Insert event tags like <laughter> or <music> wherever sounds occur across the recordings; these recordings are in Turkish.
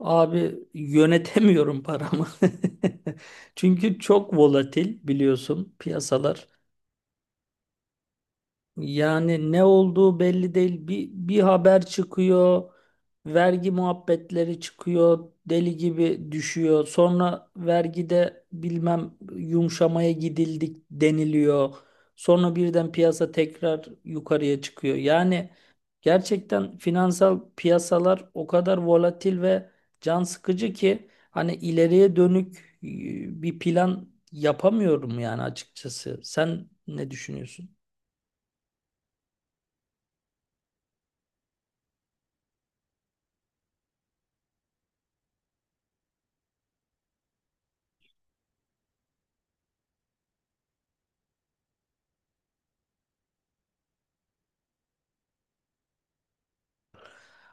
Abi yönetemiyorum paramı. <laughs> Çünkü çok volatil biliyorsun piyasalar. Yani ne olduğu belli değil. Bir haber çıkıyor, vergi muhabbetleri çıkıyor, deli gibi düşüyor. Sonra vergide bilmem yumuşamaya gidildik deniliyor. Sonra birden piyasa tekrar yukarıya çıkıyor. Yani gerçekten finansal piyasalar o kadar volatil ve can sıkıcı ki hani ileriye dönük bir plan yapamıyorum yani açıkçası. Sen ne düşünüyorsun?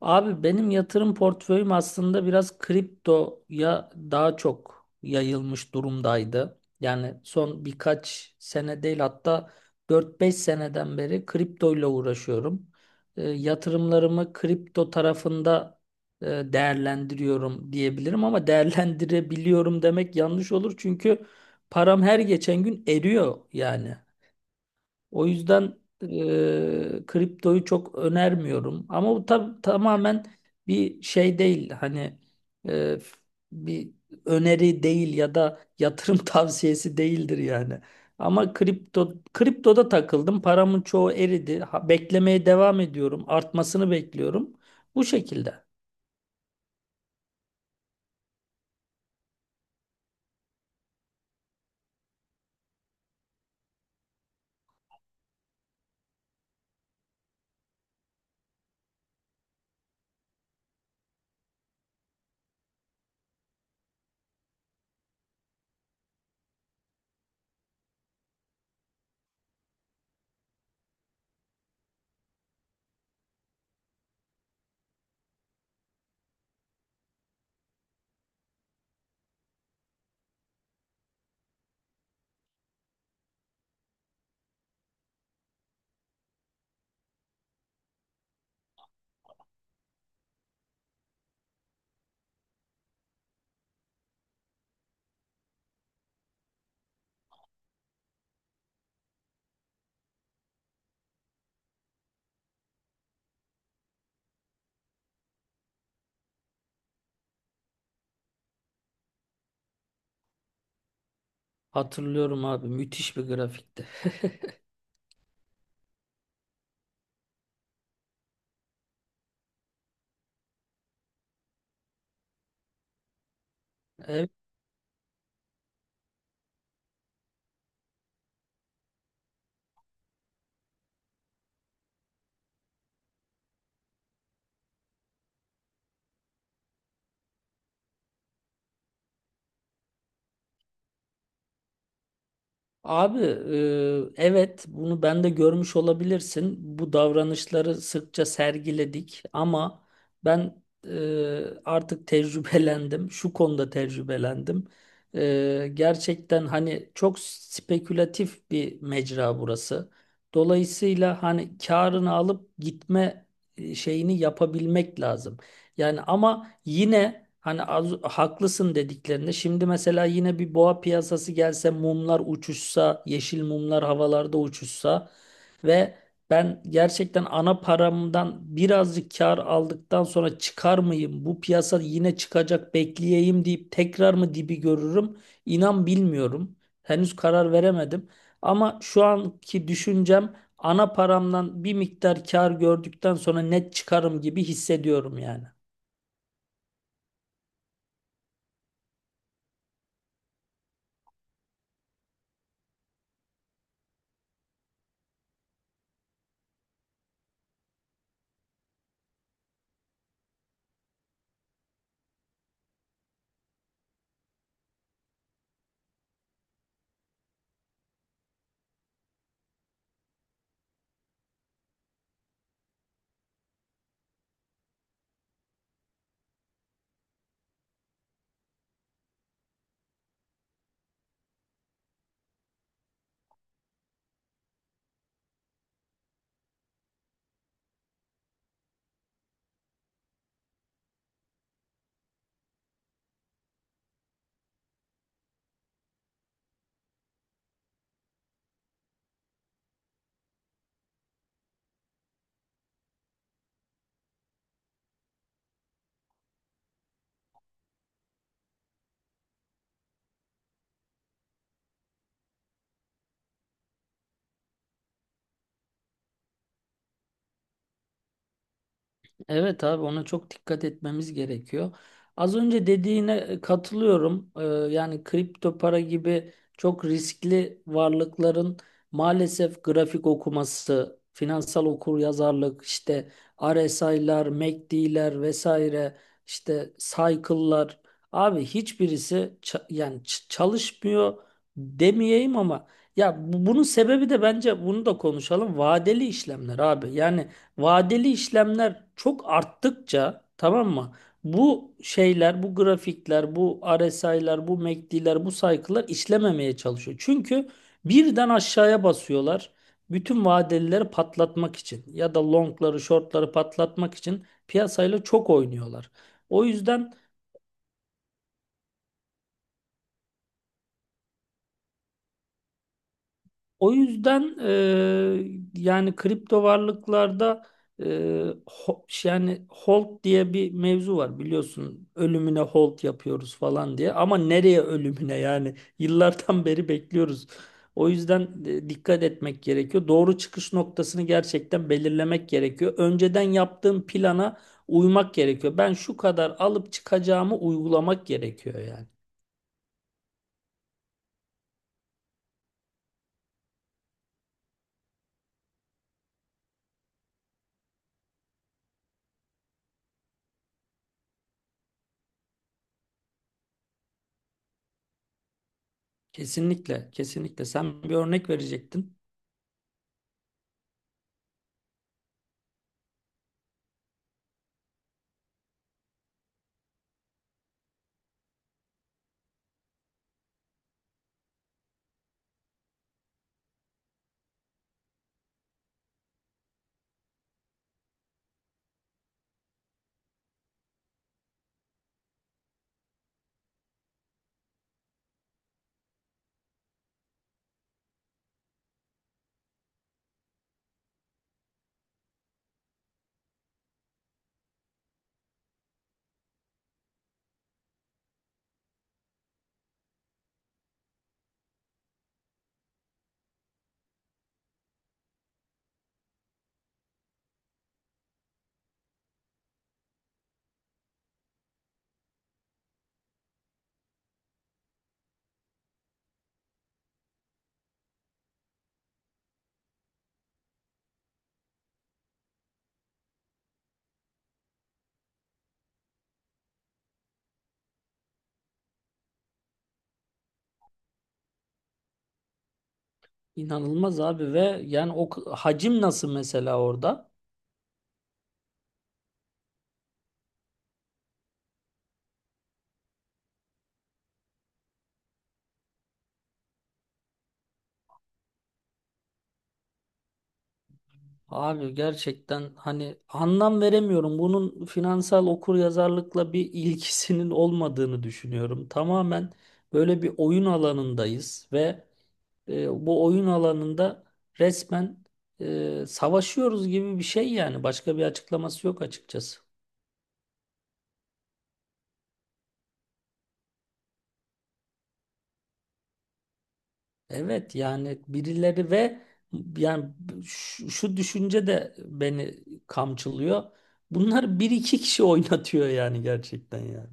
Abi benim yatırım portföyüm aslında biraz kriptoya daha çok yayılmış durumdaydı. Yani son birkaç sene değil, hatta 4-5 seneden beri kriptoyla uğraşıyorum. Yatırımlarımı kripto tarafında değerlendiriyorum diyebilirim, ama <laughs> değerlendirebiliyorum demek yanlış olur çünkü param her geçen gün eriyor yani. O yüzden kriptoyu çok önermiyorum. Ama bu tamamen bir şey değil. Hani e, bir öneri değil ya da yatırım <laughs> tavsiyesi değildir yani. Ama kriptoda takıldım. Paramın çoğu eridi. Ha, beklemeye devam ediyorum. Artmasını bekliyorum. Bu şekilde. Hatırlıyorum abi, müthiş bir grafikti. Evet. Abi evet, bunu ben de görmüş olabilirsin. Bu davranışları sıkça sergiledik, ama ben artık tecrübelendim. Şu konuda tecrübelendim. Gerçekten hani çok spekülatif bir mecra burası. Dolayısıyla hani karını alıp gitme şeyini yapabilmek lazım. Yani ama yine hani az, haklısın dediklerinde şimdi mesela yine bir boğa piyasası gelse mumlar uçuşsa, yeşil mumlar havalarda uçuşsa ve ben gerçekten ana paramdan birazcık kar aldıktan sonra çıkar mıyım? Bu piyasa yine çıkacak, bekleyeyim deyip tekrar mı dibi görürüm? İnan bilmiyorum. Henüz karar veremedim. Ama şu anki düşüncem, ana paramdan bir miktar kar gördükten sonra net çıkarım gibi hissediyorum yani. Evet abi, ona çok dikkat etmemiz gerekiyor. Az önce dediğine katılıyorum. Yani kripto para gibi çok riskli varlıkların maalesef grafik okuması, finansal okuryazarlık, işte RSI'lar, MACD'ler vesaire, işte cycle'lar. Abi hiçbirisi çalışmıyor demeyeyim, ama ya bunun sebebi de, bence bunu da konuşalım. Vadeli işlemler abi. Yani vadeli işlemler çok arttıkça, tamam mı? Bu şeyler, bu grafikler, bu RSI'lar, bu MACD'ler, bu cycle'lar işlememeye çalışıyor. Çünkü birden aşağıya basıyorlar. Bütün vadelileri patlatmak için ya da longları, shortları patlatmak için piyasayla çok oynuyorlar. O yüzden O yüzden yani kripto varlıklarda e, yani hold diye bir mevzu var biliyorsun. Ölümüne hold yapıyoruz falan diye. Ama nereye ölümüne, yani yıllardan beri bekliyoruz. O yüzden dikkat etmek gerekiyor. Doğru çıkış noktasını gerçekten belirlemek gerekiyor. Önceden yaptığım plana uymak gerekiyor. Ben şu kadar alıp çıkacağımı uygulamak gerekiyor yani. Kesinlikle, kesinlikle. Sen bir örnek verecektin. İnanılmaz abi, ve yani o hacim nasıl mesela orada? Abi gerçekten hani anlam veremiyorum. Bunun finansal okuryazarlıkla bir ilgisinin olmadığını düşünüyorum. Tamamen böyle bir oyun alanındayız ve bu oyun alanında resmen savaşıyoruz gibi bir şey yani. Başka bir açıklaması yok açıkçası. Evet, yani birileri ve yani şu düşünce de beni kamçılıyor. Bunlar bir iki kişi <laughs> oynatıyor yani, gerçekten yani.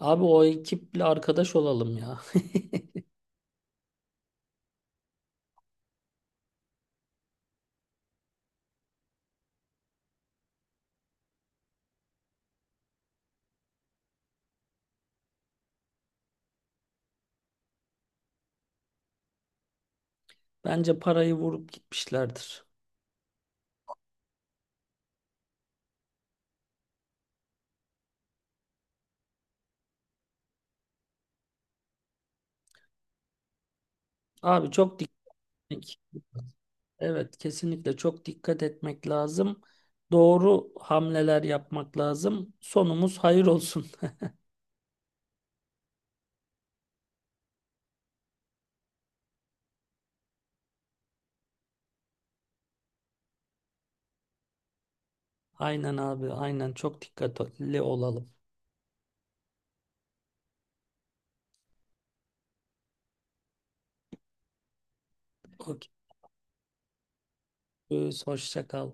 Abi o ekiple arkadaş olalım ya. Bence parayı vurup gitmişlerdir. Abi çok dikkat. Evet, kesinlikle çok dikkat etmek lazım. Doğru hamleler yapmak lazım. Sonumuz hayır olsun. <laughs> Aynen abi, aynen çok dikkatli olalım. Okey. Hoşça kal.